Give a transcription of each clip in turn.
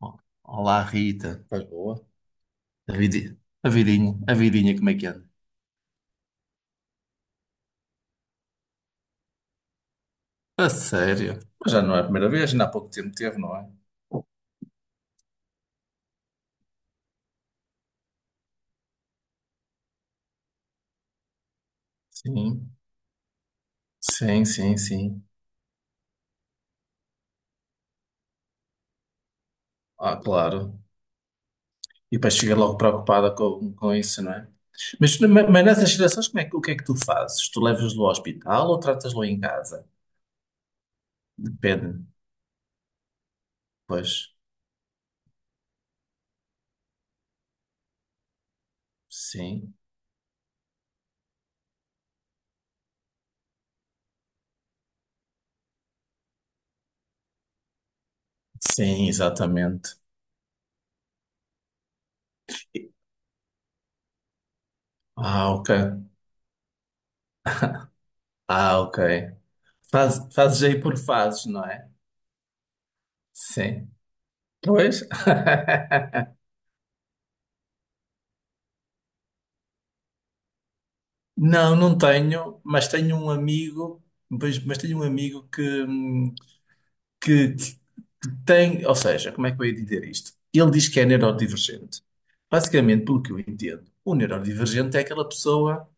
Ó, olá, Rita. Faz boa. A vidinha, como é que anda? A sério? Mas já não é a primeira vez, ainda há pouco tempo teve, não é? Sim, sim, sim, sim. Ah, claro. E depois fica logo preocupada com isso, não é? Mas nessas situações, o que é que tu fazes? Tu levas-lo ao hospital ou tratas-lo em casa? Depende. Pois, sim. Sim, exatamente. Ah, ok. Ah, ok. Fazes aí por fases, não é? Sim. Pois? Não, não tenho, mas tenho um amigo, pois- mas tenho um amigo que tem, ou seja, como é que eu ia dizer isto? Ele diz que é neurodivergente. Basicamente, pelo que eu entendo, o neurodivergente é aquela pessoa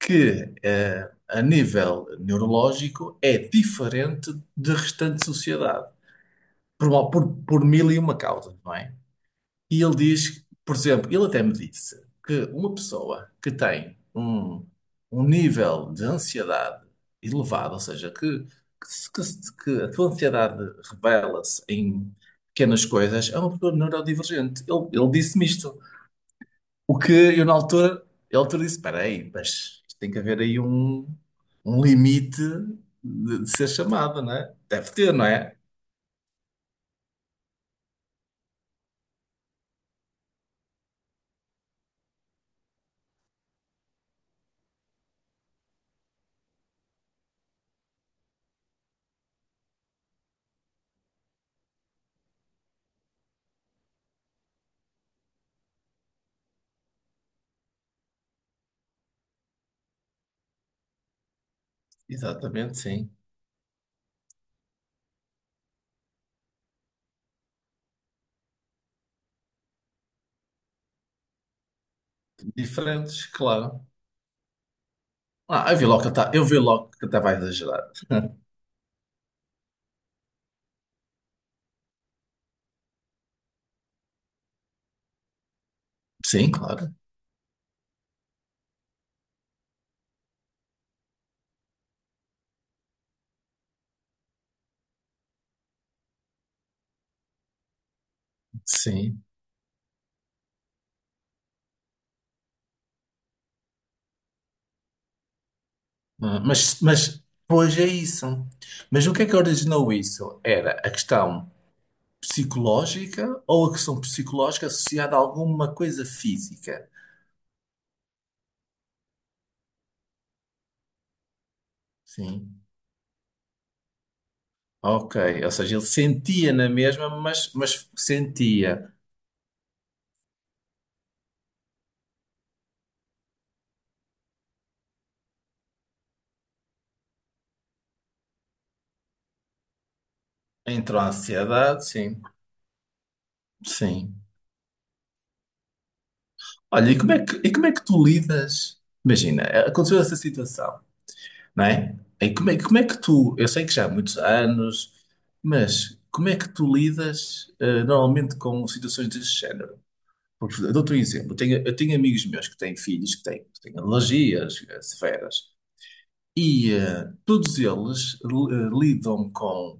que, a nível neurológico, é diferente da restante sociedade, por mil e uma causas, não é? E ele diz, por exemplo, ele até me disse que uma pessoa que tem um nível de ansiedade elevado, ou seja, que, se- que se- que a tua ansiedade revela-se em pequenas coisas, é uma pessoa neurodivergente. Ele disse-me isto. O que eu, na altura, ele altura disse: espera aí, mas isto tem que haver aí um limite de ser chamado, não é? Deve ter, não é? Exatamente, sim. Diferentes, claro. Ah, eu vi logo que ele tá- eu vi logo que ele estava a exagerar. Sim, claro. Sim. Ah, mas, pois é isso. Mas o que é que originou isso? Era a questão psicológica ou a questão psicológica associada a alguma coisa física? Sim. Ok. Ou seja, ele sentia na mesma, mas sentia. Entrou a ansiedade, sim. Sim. Olha, e como é que tu lidas? Imagina, aconteceu essa situação. Não é? Aí como é que tu, eu sei que já há muitos anos, mas como é que tu lidas normalmente com situações desse género? Porque eu dou-te um exemplo, eu tenho amigos meus que têm filhos que têm alergias severas e todos eles lidam com,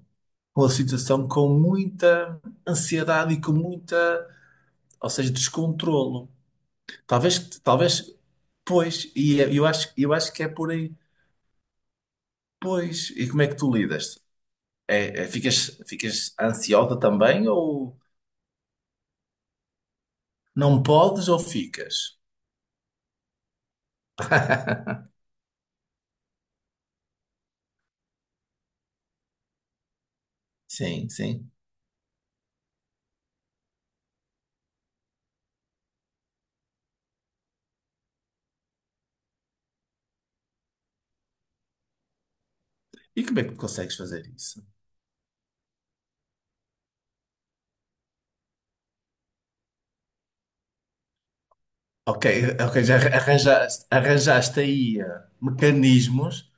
com a situação com muita ansiedade e com muita, ou seja, descontrolo. Talvez, talvez, pois, e é, eu acho que é por aí. Pois, e como é que tu lidas? Ficas ansiosa também ou não podes ou ficas? Sim, sim. E como é que consegues fazer isso? Ok, ok, já arranjaste aí mecanismos,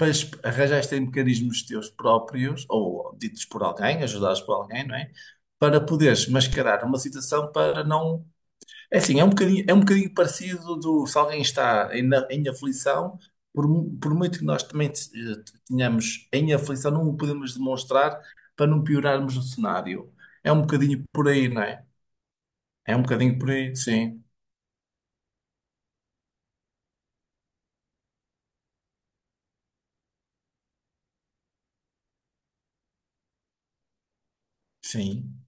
mas arranjaste aí mecanismos teus próprios, ou ditos por alguém, ajudados por alguém, não é? Para poderes mascarar uma situação para não. É assim, é um bocadinho parecido do se alguém está em aflição, por muito que nós também tenhamos em aflição, não o podemos demonstrar para não piorarmos o cenário. É um bocadinho por aí, não é? É um bocadinho por aí, sim, sim,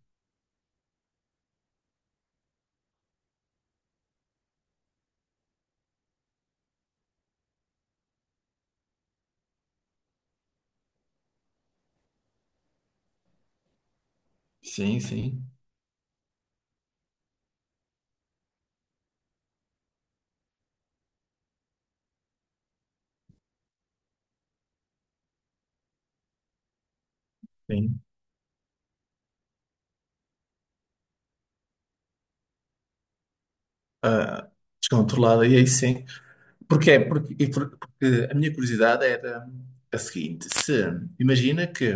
sim, sim, sim. Ah, descontrolado, e aí sim. Porquê? Porque a minha curiosidade era a seguinte: se imagina que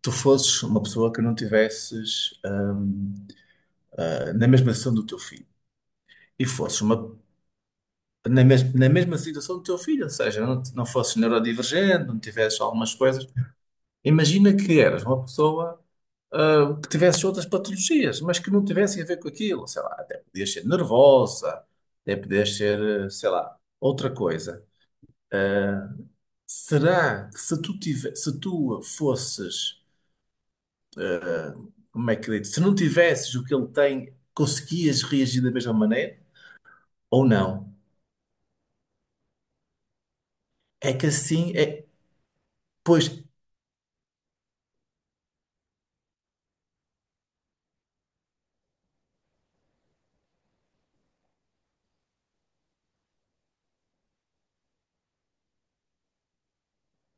tu fosses uma pessoa que não tivesses na mesma situação do teu filho. E fosses na mesma situação do teu filho, ou seja, não fosses neurodivergente, não tivesses algumas coisas. Imagina que eras uma pessoa, que tivesse outras patologias, mas que não tivessem a ver com aquilo. Sei lá, até podias ser nervosa, até podias ser, sei lá, outra coisa. Será que se tu fosses, como é que eu digo, se não tivesses o que ele tem, conseguias reagir da mesma maneira? Ou não? É que assim, é, pois,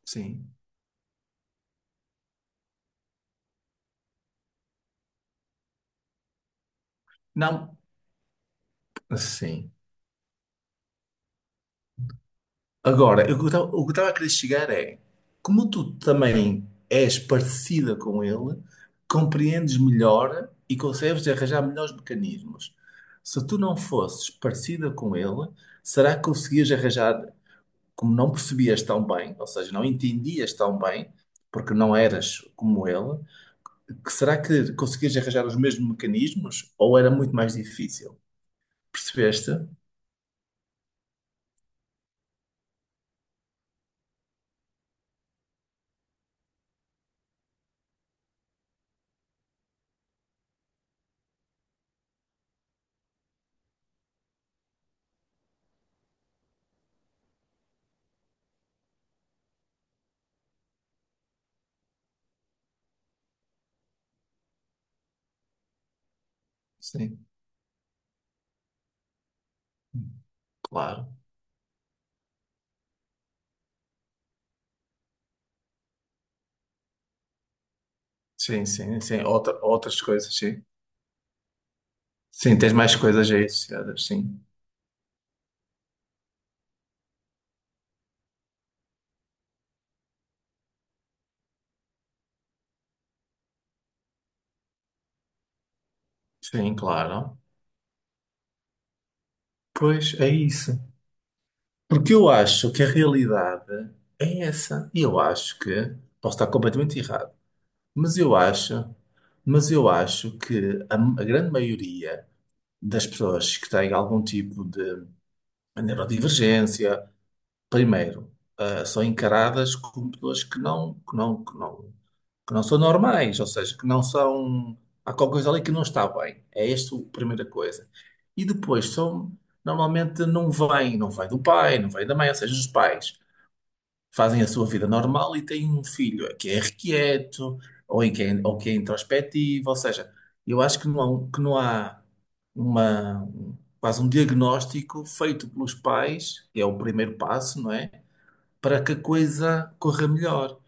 sim, não, sim. Agora, o que estava a querer chegar é, como tu também és parecida com ele, compreendes melhor e consegues arranjar melhores mecanismos. Se tu não fosses parecida com ele, será que conseguias arranjar, como não percebias tão bem, ou seja, não entendias tão bem, porque não eras como ele, que será que conseguias arranjar os mesmos mecanismos ou era muito mais difícil? Percebeste? Sim, claro. Sim, sim, sim. Outras coisas, sim. Sim, tens mais coisas aí associadas, sim. Sim, claro. Pois é isso. Porque eu acho que a realidade é essa. E eu acho que, posso estar completamente errado, mas eu acho, mas eu acho que a grande maioria das pessoas que têm algum tipo de neurodivergência, primeiro, são encaradas como pessoas que não são normais, ou seja, que não são. Há qualquer coisa ali que não está bem. É esta a primeira coisa. E depois são. Normalmente não vem, não vem do pai, não vem da mãe, ou seja, os pais fazem a sua vida normal e têm um filho que é irrequieto ou que é introspectivo, ou seja, eu acho que não há uma, quase um diagnóstico feito pelos pais, que é o primeiro passo, não é? Para que a coisa corra melhor.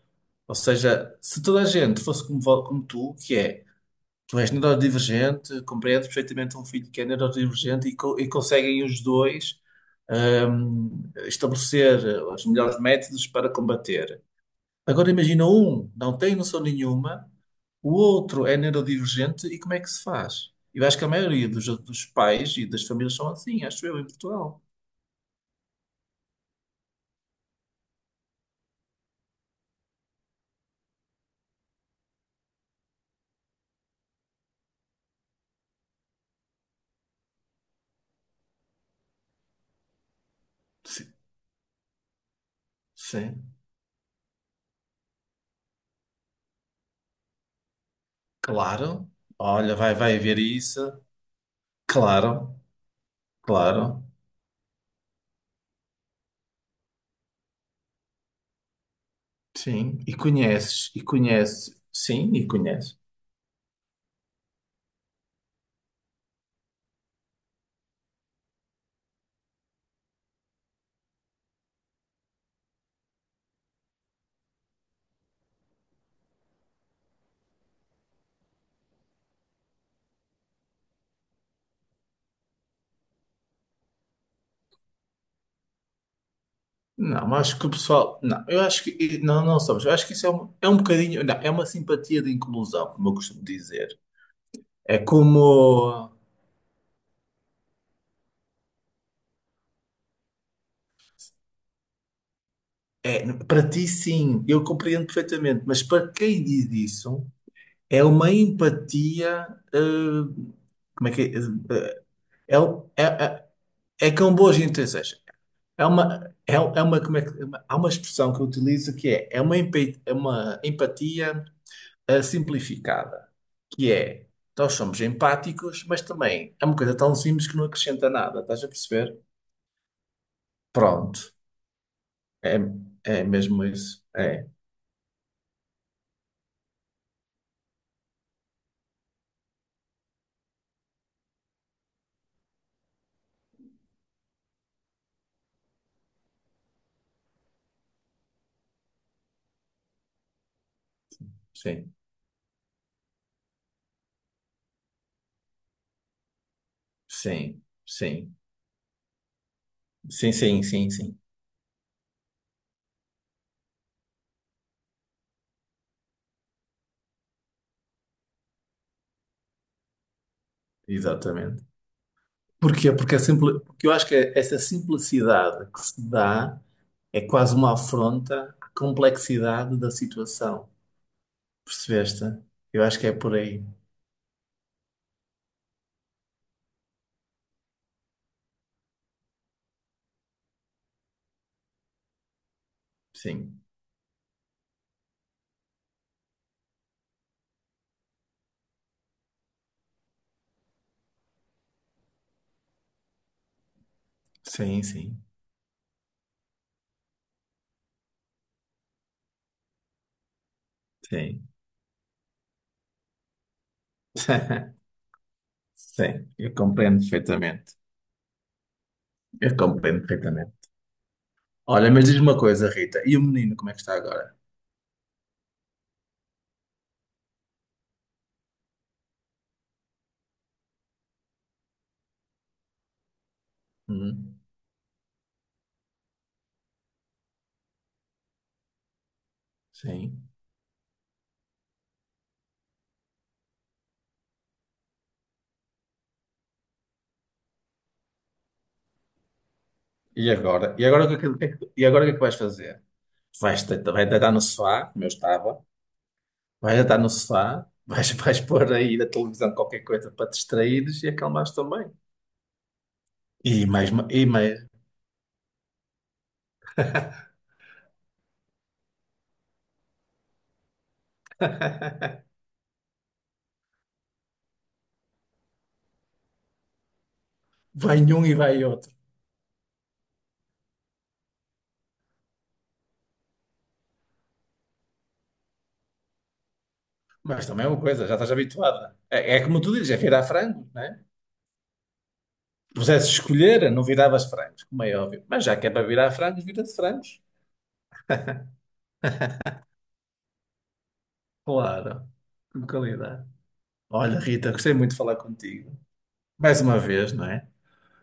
Ou seja, se toda a gente fosse como tu, que é, tu és neurodivergente, compreendes perfeitamente um filho que é neurodivergente e, e conseguem os dois estabelecer os melhores métodos para combater. Agora imagina um, não tem noção nenhuma, o outro é neurodivergente e como é que se faz? Eu acho que a maioria dos pais e das famílias são assim, acho eu, em Portugal. Sim, sim, claro. Olha, vai haver isso. Claro, claro. Sim, e conheces, sim, e conheces. Não, mas acho que o pessoal, não, eu acho que, não, não sabes, eu acho que isso é um bocadinho, não, é uma simpatia de inclusão, como eu costumo dizer. É como, é, para ti sim, eu compreendo perfeitamente, mas para quem diz isso, é uma empatia, eh, como é que é, eh, é, um- é, é com boas intenções. É uma, é, é uma, como é que, há uma expressão que eu utilizo que é uma empatia a simplificada, que é nós somos empáticos, mas também é uma coisa tão simples que não acrescenta nada, estás a perceber? Pronto, é, é mesmo isso. É, sim, sim, sim, sim, sim, sim, sim, exatamente. Porquê? Porque, porque eu acho que essa simplicidade que se dá é quase uma afronta à complexidade da situação. Percebeste? Eu acho que é por aí. Sim, sim, sim, sim. Sim, eu compreendo perfeitamente. Eu compreendo perfeitamente. Olha, mas diz-me uma coisa, Rita. E o menino, como é que está agora? Hum, sim. E agora? E agora o que é que vais fazer? Vais deitar, vai deitar no sofá, como eu estava. Vais deitar no sofá. Vais, vais pôr aí na televisão qualquer coisa para te distraíres e acalmares também. E mais, e mais. Vai um e vai outro. Mas também é uma coisa, já estás habituada. É como tu dizes, é virar frango, não é? Se pusesse escolher, não viravas frangos, como é óbvio. Mas já que é para virar frangos, vira-se frangos. Claro, com qualidade. Olha, Rita, gostei muito de falar contigo. Mais uma vez, não é?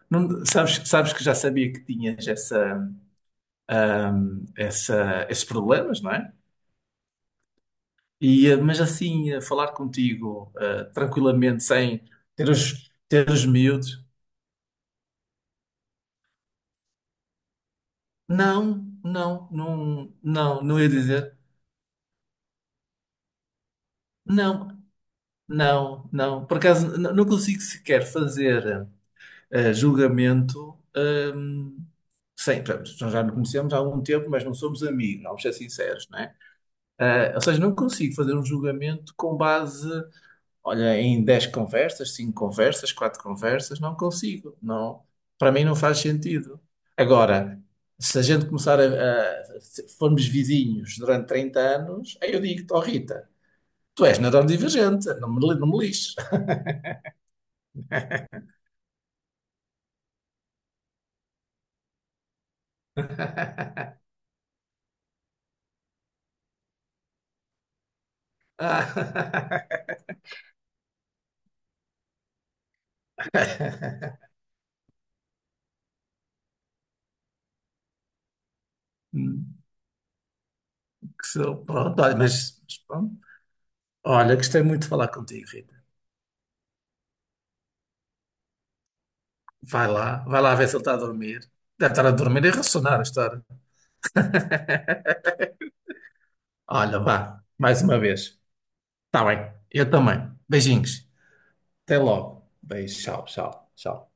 Sabes, que já sabia que tinhas esses problemas, não é? E, mas assim, falar contigo, tranquilamente, sem ter os miúdos. Não, não, não, não, não ia dizer. Não, não, não. Por acaso, não consigo sequer fazer julgamento. Sim, pronto, nós já nos conhecemos há algum tempo, mas não somos amigos, vamos ser sinceros, não é? Ah, ou seja, não consigo fazer um julgamento com base, olha, em 10 conversas, 5 conversas, 4 conversas, não consigo, não. Para mim não faz sentido. Agora, se a gente começar se formos vizinhos durante 30 anos, aí eu digo-te, oh Rita, tu és neurodivergente, não me lixes. Ah, que sou, pronto, olha, mas pronto. Olha, gostei muito de falar contigo, Rita. Vai lá ver se ele está a dormir. Deve estar a dormir e a ressonar a história. Olha, vá, mais uma vez. Está bem, eu também. Beijinhos. Até logo. Beijo, tchau, tchau, tchau.